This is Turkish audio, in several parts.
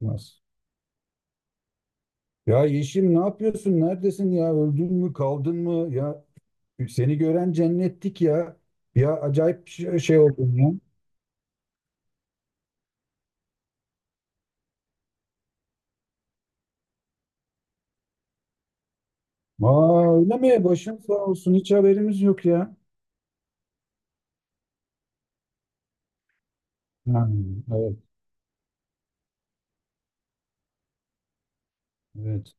Nasıl? Ya Yeşim ne yapıyorsun? Neredesin ya? Öldün mü? Kaldın mı? Ya seni gören cennettik ya. Ya acayip şey oldun ya. Aa öyle mi? Başın sağ olsun. Hiç haberimiz yok ya. Ha, evet, evet.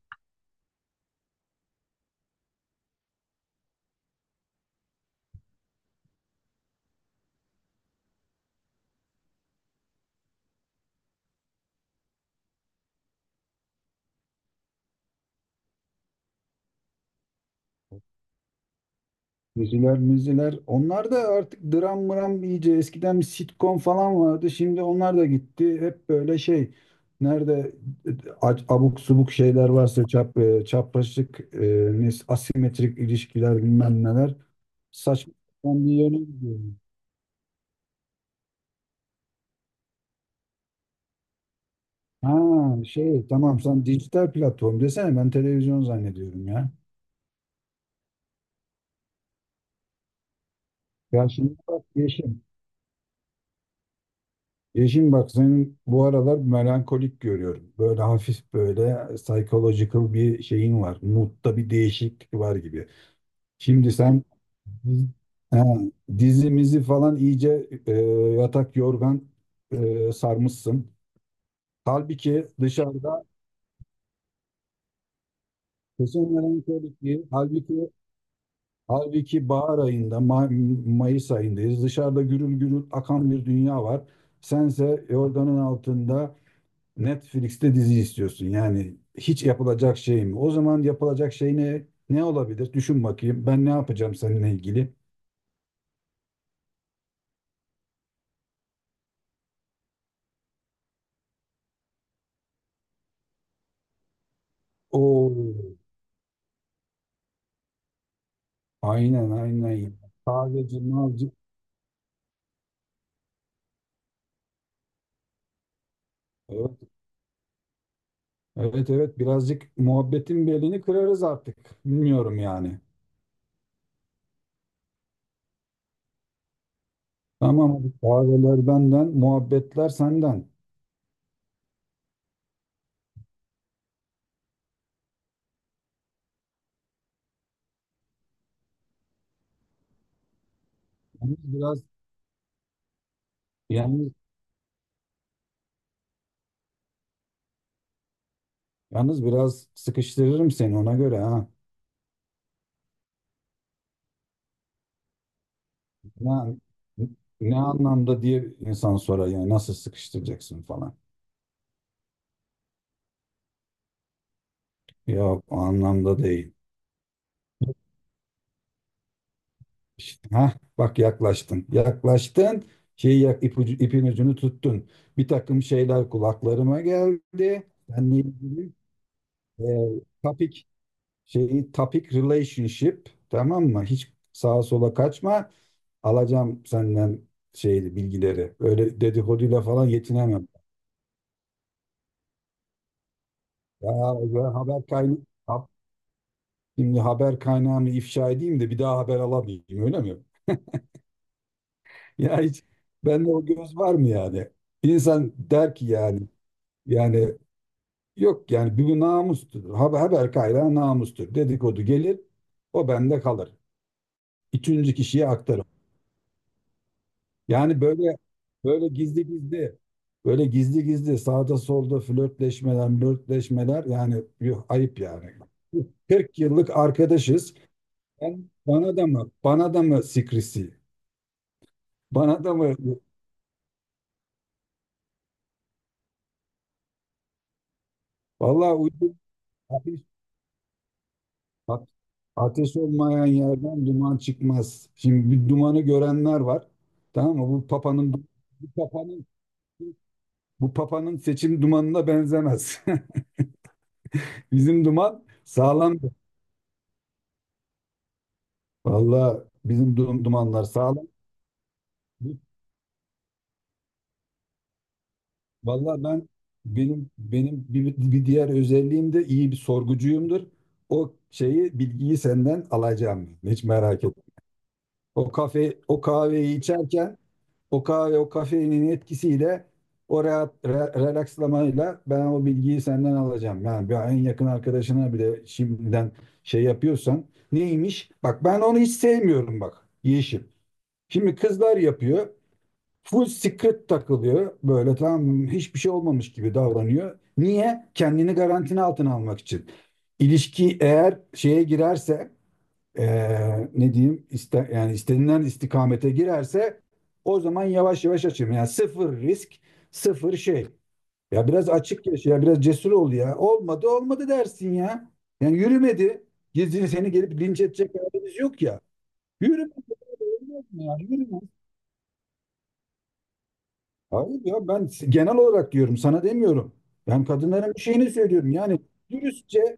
Diziler, müziler. Onlar da artık dram mram iyice. Eskiden bir sitcom falan vardı. Şimdi onlar da gitti. Hep böyle şey. Nerede e, abuk subuk şeyler varsa çapraşık, asimetrik ilişkiler bilmem neler. Saçma sapan bir yöne gidiyorum. Ha tamam, sen dijital platform desene, ben televizyon zannediyorum ya. Ya şimdi bak Yeşim. Yeşim bak, senin bu aralar melankolik görüyorum. Böyle hafif böyle psychological bir şeyin var. Mood'da bir değişiklik var gibi. Şimdi sen ha, dizimizi falan iyice yatak yorgan sarmışsın. Halbuki dışarıda kesin melankolik değil. Halbuki bahar ayında, Mayıs ayındayız. Dışarıda gürül gürül akan bir dünya var. Sense yorganın altında Netflix'te dizi istiyorsun. Yani hiç yapılacak şey mi? O zaman yapılacak şey ne olabilir? Düşün bakayım. Ben ne yapacağım seninle ilgili? Oo, aynen aynen. Sadece mavci. Evet, evet, evet. Birazcık muhabbetin belini kırarız artık. Bilmiyorum yani. Tamam, hadi kahveler benden, muhabbetler senden. Yalnız Biraz yani Yalnız biraz sıkıştırırım seni ona göre ha. Ne, ne anlamda diye insan sorar yani, nasıl sıkıştıracaksın falan. Yok, o anlamda değil. İşte, ha, bak yaklaştın. Yaklaştın. İpin ucunu tuttun. Bir takım şeyler kulaklarıma geldi. Seninle ilgili e, topic topic relationship, tamam mı? Hiç sağa sola kaçma. Alacağım senden bilgileri. Öyle dedikoduyla falan yetinemem. Ya ben haber kaynağı şimdi haber kaynağını ifşa edeyim de bir daha haber alamayayım, öyle mi? Ya hiç bende o göz var mı yani? İnsan der ki yani, yani yok yani, bu namustur. Haber kaynağı namustur. Dedikodu gelir, o bende kalır. Üçüncü kişiye aktarım. Yani böyle gizli gizli böyle gizli gizli sağda solda flörtleşmeler yani, yuh, ayıp yani. 40 yıllık arkadaşız. Bana da mı? Bana da mı sikrisi? Bana da mı? Vallahi uydum. Ateş, a- ateş olmayan yerden duman çıkmaz. Şimdi bir dumanı görenler var. Tamam mı? Bu papanın bu papanın seçim dumanına benzemez. Bizim duman sağlamdır. Vallahi bizim dumanlar sağlam. Vallahi benim bir diğer özelliğim de iyi bir sorgucuyumdur. O bilgiyi senden alacağım. Hiç merak etme. O kahveyi içerken o kafeinin etkisiyle, o rahat relakslamayla ben o bilgiyi senden alacağım. Yani bir en yakın arkadaşına bile şimdiden şey yapıyorsan neymiş? Bak, ben onu hiç sevmiyorum bak Yeşim. Şimdi kızlar yapıyor. Full secret takılıyor. Böyle tam hiçbir şey olmamış gibi davranıyor. Niye? Kendini garantinin altına almak için. İlişki eğer şeye girerse ne diyeyim iste, yani istenilen istikamete girerse, o zaman yavaş yavaş açayım. Yani sıfır risk, sıfır şey. Ya biraz açık yaşa, ya biraz cesur ol ya. Olmadı, olmadı dersin ya. Yani yürümedi. Gizli, seni gelip linç edecek halimiz yok ya. Yürümedi. Olmaz mı ya? Yürüme. Hayır ya, ben genel olarak diyorum, sana demiyorum. Ben kadınların bir şeyini söylüyorum. Yani dürüstçe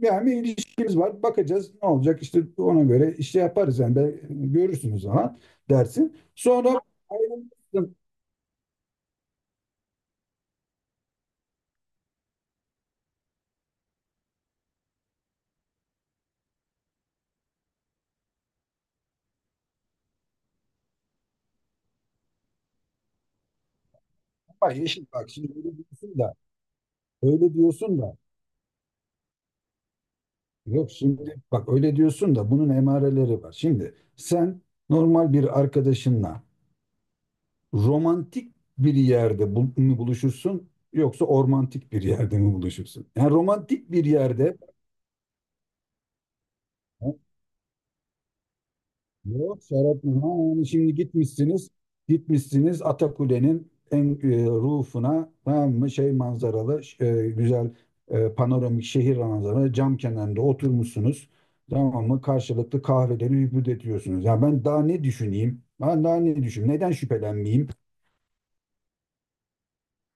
yani bir ilişkimiz var, bakacağız ne olacak, işte ona göre işte yaparız yani, ben görürsünüz ama dersin. Sonra ayrılırsın. Ama yeşil bak şimdi öyle diyorsun da öyle diyorsun da yok, şimdi bak, öyle diyorsun da bunun emareleri var. Şimdi sen normal bir arkadaşınla romantik bir yerde bul- mi buluşursun yoksa ormantik bir yerde mi buluşursun? Yani romantik bir yerde. Ha, Yok Serap ha, yani şimdi gitmişsiniz Atakule'nin en rufuna, tamam mı, manzaralı, güzel, panoramik şehir manzaralı cam kenarında oturmuşsunuz, tamam mı, karşılıklı kahveleri hübüt ediyorsunuz. Ya ben daha ne düşüneyim? Ben daha ne düşüneyim? Neden şüphelenmeyeyim?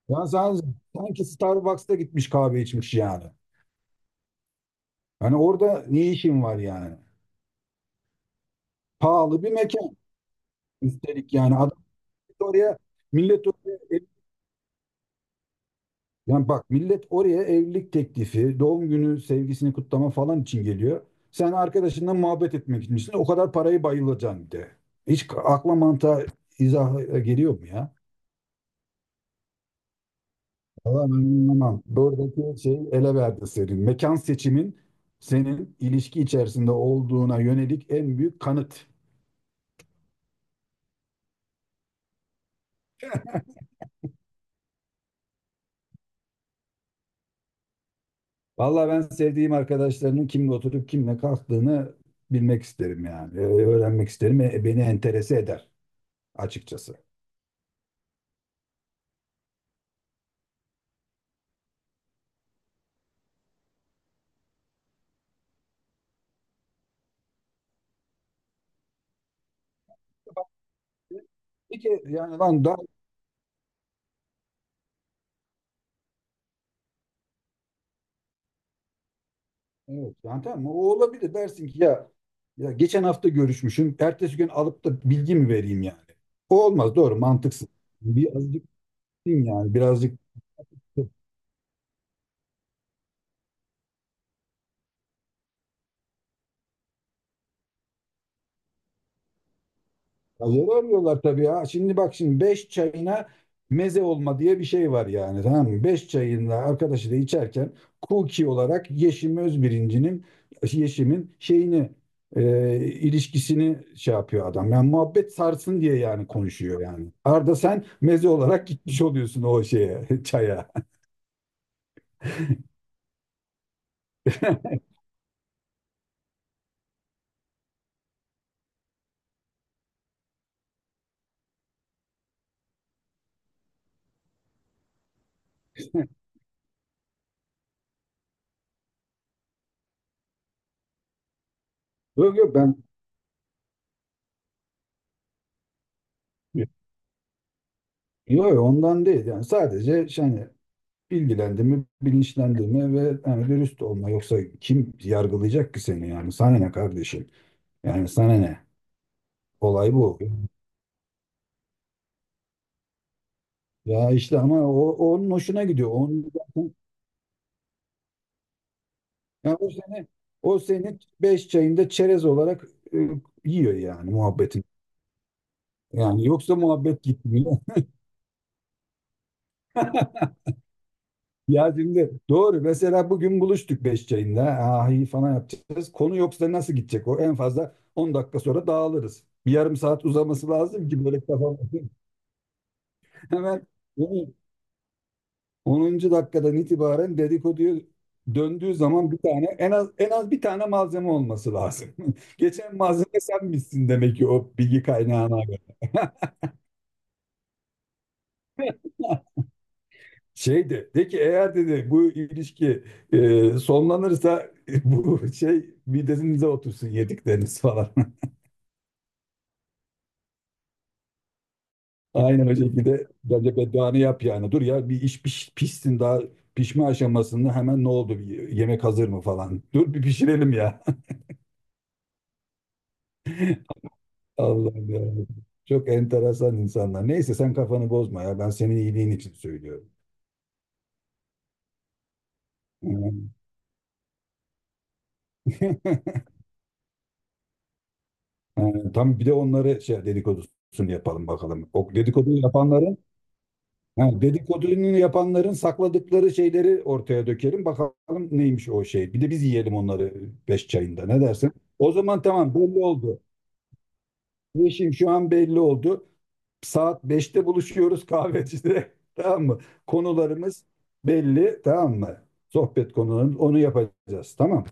Ya sen- sanki Starbucks'ta gitmiş kahve içmiş yani. Hani orada ne işin var yani? Pahalı bir mekan üstelik, yani adam oraya millet oraya ev- yani bak, millet oraya evlilik teklifi, doğum günü sevgisini kutlama falan için geliyor. Sen arkadaşınla muhabbet etmek içinsin. O kadar parayı bayılacaksın bir de. Hiç akla mantığa izah geliyor mu ya? Valla ben anlamam. Buradaki şey ele verdi senin. Mekan seçimin, senin ilişki içerisinde olduğuna yönelik en büyük kanıt. Vallahi ben sevdiğim arkadaşlarının kimle oturup kimle kalktığını bilmek isterim yani. Öğrenmek isterim. Beni enterese eder açıkçası. Peki yani lan daha evet, yani tamam, o olabilir dersin ki ya, geçen hafta görüşmüşüm. Ertesi gün alıp da bilgi mi vereyim yani? O olmaz, doğru, mantıksız. Bir azıcık yani birazcık Ya, yer arıyorlar tabii ya. Şimdi bak, şimdi 5 çayına meze olma diye bir şey var yani, tamam mı? 5 çayında arkadaşı da içerken Kuki olarak Yeşim Özbirinci'nin, Yeşim'in şeyini ilişkisini şey yapıyor adam. Yani muhabbet sarsın diye yani konuşuyor yani. Arda, sen meze olarak gitmiş oluyorsun o şeye, çaya. Yok yok ben yok yok, ondan değil, yani sadece şey, hani bilgilendirme, bilinçlendirme ve yani dürüst olma. Yoksa kim yargılayacak ki seni yani? Sana ne kardeşim? Yani sana ne? Olay bu. Ya işte ama o, onun hoşuna gidiyor. Yani o seni beş çayında çerez olarak e, yiyor yani muhabbetin. Yani yoksa muhabbet gitmiyor. Ya şimdi doğru, mesela bugün buluştuk beş çayında. Ah, iyi falan yapacağız. Konu yoksa nasıl gidecek o? En fazla 10 dakika sonra dağılırız. Bir yarım saat uzaması lazım ki böyle kafam. Hemen onun 10. dakikadan itibaren dedikoduya döndüğü zaman bir tane, en az bir tane malzeme olması lazım. Geçen malzeme sen misin demek ki o bilgi kaynağına göre. De ki, eğer dedi bu ilişki sonlanırsa, bu şey midenize otursun, yedikleriniz falan. Aynen o şekilde bence bedduanı yap yani. Dur ya, bir iş pişsin, daha pişme aşamasında hemen ne oldu, bir yemek hazır mı falan. Dur bir pişirelim ya. Allah'ım yarabbim. Çok enteresan insanlar. Neyse sen kafanı bozma ya. Ben senin iyiliğin için söylüyorum. Tam bir de onları dedikodusunu yapalım bakalım. O dedikodu yapanların, ha, dedikodunu yapanların sakladıkları şeyleri ortaya dökelim. Bakalım neymiş o şey. Bir de biz yiyelim onları beş çayında. Ne dersin? O zaman tamam, belli oldu. Bu işim şu an belli oldu. Saat 5'te buluşuyoruz kahvecide. Tamam mı? Konularımız belli. Tamam mı? Sohbet konularımız. Onu yapacağız. Tamam.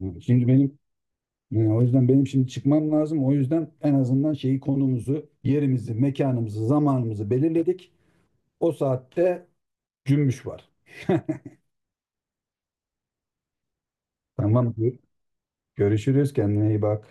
Yani Şimdi benim yani o yüzden benim şimdi çıkmam lazım. O yüzden en azından şeyi, konumuzu, yerimizi, mekanımızı, zamanımızı belirledik. O saatte cümbüş var. Tamam. Görüşürüz. Kendine iyi bak.